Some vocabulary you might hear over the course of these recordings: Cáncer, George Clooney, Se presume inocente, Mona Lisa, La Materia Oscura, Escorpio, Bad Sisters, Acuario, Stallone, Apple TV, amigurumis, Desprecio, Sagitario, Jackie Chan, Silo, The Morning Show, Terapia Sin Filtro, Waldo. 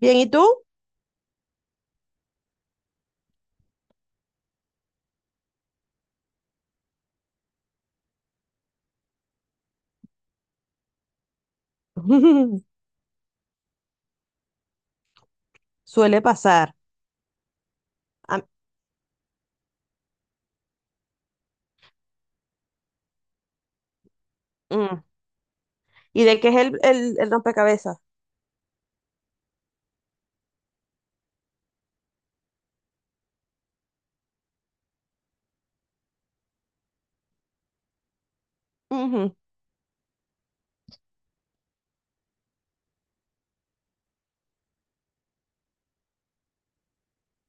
Bien, ¿y tú? Suele pasar. Ah, mm. ¿Y de qué es el rompecabezas? Ujú.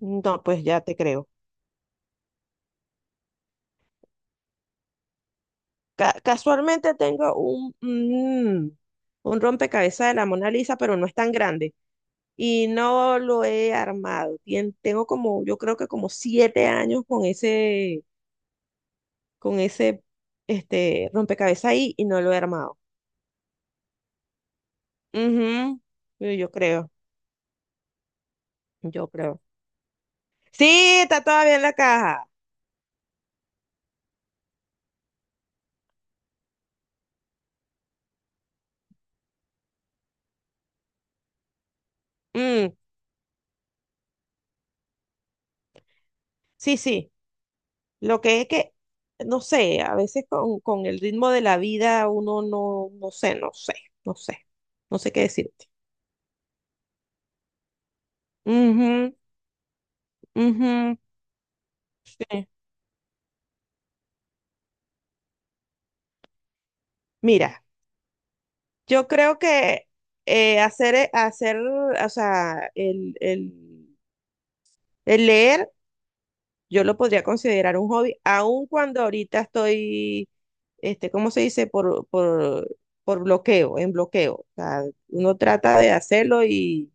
No, pues ya te creo. Casualmente tengo un, un rompecabezas de la Mona Lisa, pero no es tan grande. Y no lo he armado. Tengo como, yo creo que como 7 años con ese, con ese rompecabezas ahí y no lo he armado. Ujú. Yo creo, yo creo. Sí, está todavía en la caja. Mm, sí, sí. Lo que es que, no sé, a veces con el ritmo de la vida uno no, no sé, no sé, no sé, no sé qué decirte. Ujú, ujú, sí. Mira, yo creo que hacer, o sea, el leer, yo lo podría considerar un hobby, aun cuando ahorita estoy, ¿cómo se dice? Por bloqueo, en bloqueo. O sea, uno trata de hacerlo y...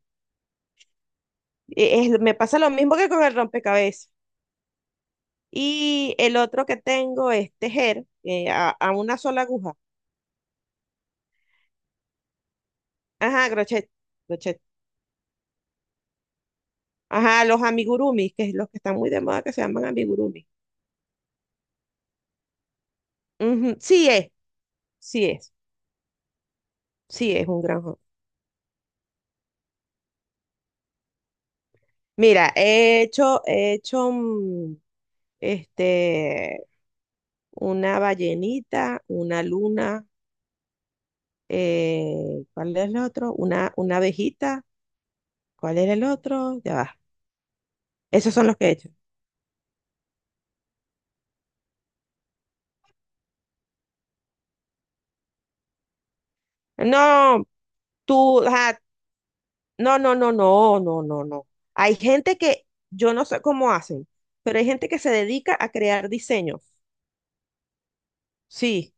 y es- me pasa lo mismo que con el rompecabezas. Y el otro que tengo es tejer a una sola aguja. Ajá, crochet, crochet. Ajá, los amigurumis, que es los que están muy de moda que se llaman amigurumis. Ujú, sí es, sí es un gran hobby. Mira, he hecho este, una ballenita, una luna, ¿cuál es el otro? Una abejita, ¿cuál es el otro? Ya va. Esos son los que he hecho. No, tú, ajá, no, no, no, no, no, no, no. Hay gente que, yo no sé cómo hacen, pero hay gente que se dedica a crear diseños. Sí,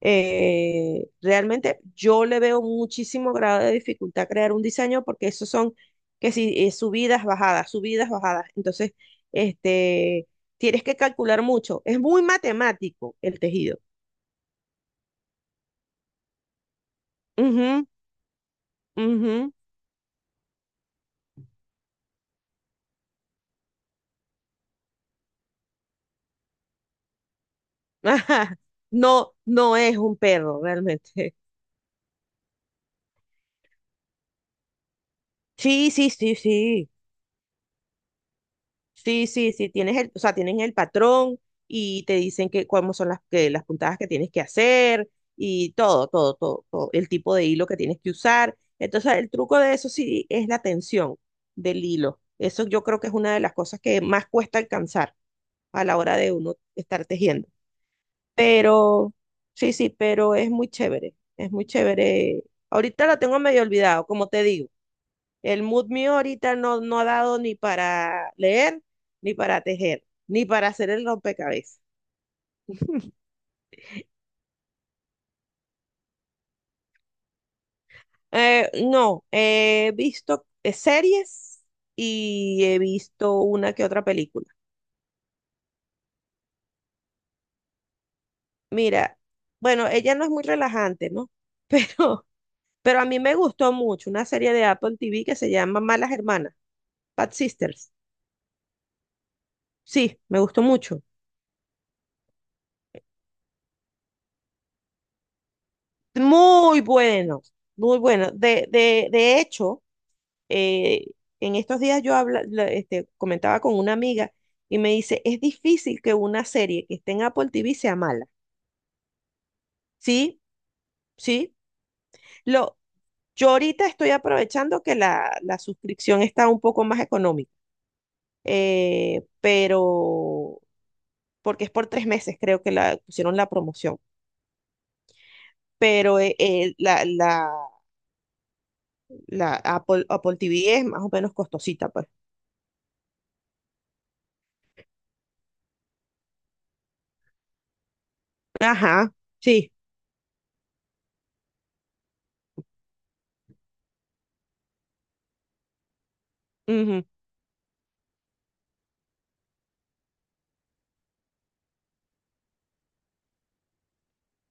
realmente yo le veo muchísimo grado de dificultad a crear un diseño porque esos son, que si subidas, bajadas, subidas, bajadas. Entonces, este, tienes que calcular mucho. Es muy matemático el tejido. Ujú, ujú. Ajá. No, no es un perro realmente. Sí, sí, sí, sí. Sí, sí, sí, tienes el, o sea, tienen el patrón y te dicen que cómo son las, que, las puntadas que tienes que hacer y todo, todo, todo, todo, el tipo de hilo que tienes que usar. Entonces, el truco de eso sí es la tensión del hilo. Eso yo creo que es una de las cosas que más cuesta alcanzar a la hora de uno estar tejiendo. Pero, sí, sí, pero es muy chévere, es muy chévere. Ahorita la tengo medio olvidado, como te digo. El mood mío ahorita no, no ha dado ni para leer, ni para tejer, ni para hacer el rompecabezas. No, he visto series y he visto una que otra película. Mira, bueno, ella no es muy relajante, ¿no? Pero, pero a mí me gustó mucho una serie de Apple TV que se llama Malas Hermanas, Bad Sisters. Sí, me gustó mucho. Muy bueno, muy bueno. De hecho, Eh, en estos días yo habla, la- este, comentaba con una amiga y me dice, es difícil que una serie que esté en Apple TV sea mala. Sí, sí. Lo, yo ahorita estoy aprovechando que la suscripción está un poco más económica, pero porque es por 3 meses, creo que la pusieron la promoción. Pero la Apple TV es más o menos costosita, pues. Ajá, sí. Ujú.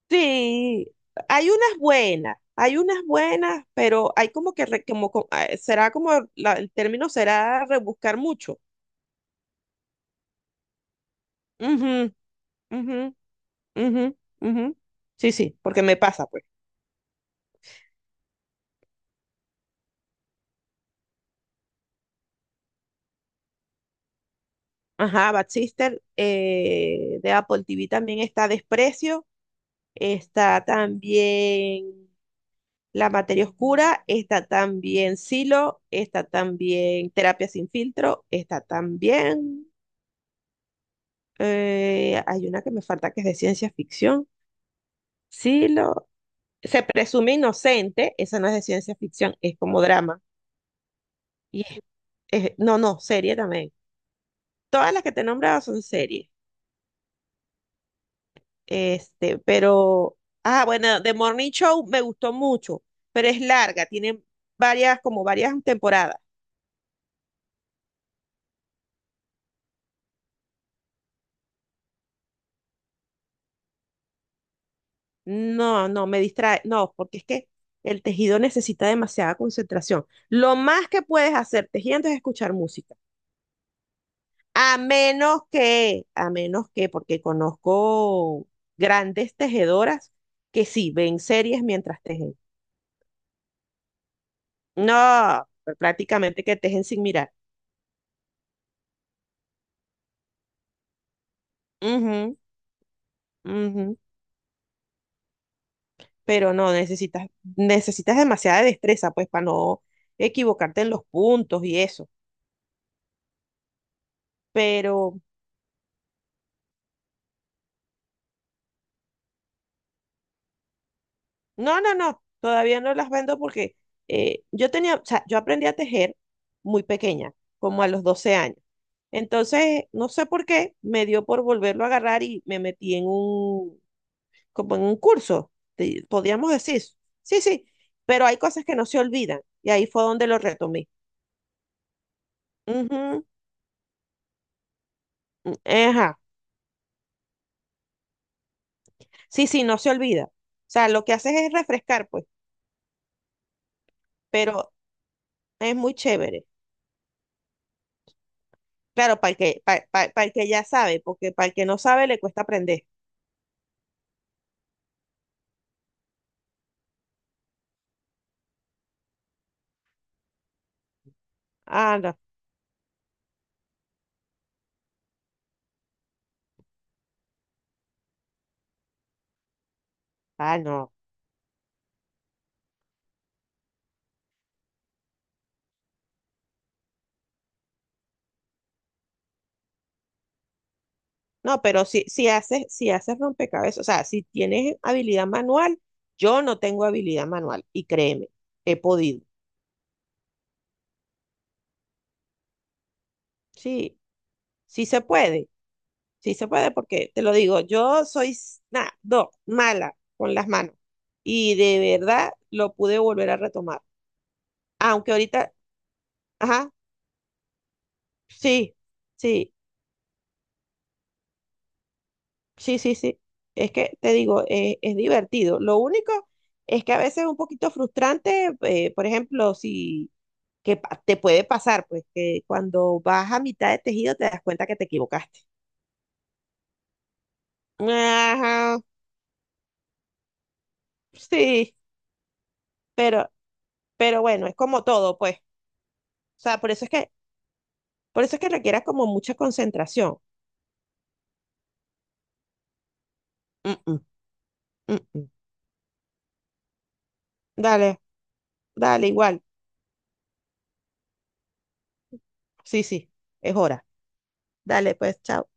Sí, hay unas buenas, pero hay como que, re- como, co- ah, será como, la- el término será rebuscar mucho. Ujú, ujú, ujú, ujú. Sí, sí, porque me pasa, pues. Ajá, Bad Sister de Apple TV también está Desprecio, está también La Materia Oscura, está también Silo, está también Terapia Sin Filtro, está también hay una que me falta que es de ciencia ficción. Sí, Se presume inocente, esa no es de ciencia ficción, es como drama. Y es- no, no, serie también. Todas las que te he nombrado son series. Este, pero, bueno, The Morning Show me gustó mucho, pero es larga, tiene varias, como varias temporadas. No, no, me distrae, no, porque es que el tejido necesita demasiada concentración. Lo más que puedes hacer tejiendo es escuchar música. A menos que, porque conozco grandes tejedoras que sí ven series mientras tejen. No, prácticamente que tejen sin mirar. Ujú, ujú. Pero no, necesitas demasiada destreza, pues, para no equivocarte en los puntos y eso. Pero no, no, no, todavía no las vendo porque yo tenía, o sea, yo aprendí a tejer muy pequeña, como a los 12 años. Entonces, no sé por qué, me dio por volverlo a agarrar y me metí en un, como en un curso, podríamos decir. Sí, sí, pero hay cosas que no se olvidan y ahí fue donde lo retomé. Ujú, mm, ajá. Sí, sí, no se olvida. O sea, lo que haces es refrescar, pues, pero es muy chévere. Claro, para el que, para el que ya sabe, porque para el que no sabe le cuesta aprender. Ah, no, ah, no. No, pero si haces rompecabezas, o sea, si tienes habilidad manual, yo no tengo habilidad manual, y créeme, he podido. Sí, sí se puede, sí se puede, porque te lo digo, yo soy mala con las manos. Y de verdad lo pude volver a retomar. Aunque ahorita, ajá, sí, sí, sí, sí, sí. Es que te digo, es divertido. Lo único es que a veces es un poquito frustrante, por ejemplo, si que pa- te puede pasar, pues que cuando vas a mitad de tejido te das cuenta que te equivocaste. Ajá, sí, pero, pero bueno, es como todo, pues. O sea, por eso es que requiere como mucha concentración. Mm, mm, mm, mm. Dale, dale, igual. Sí, sí, es hora. Dale, pues, chao.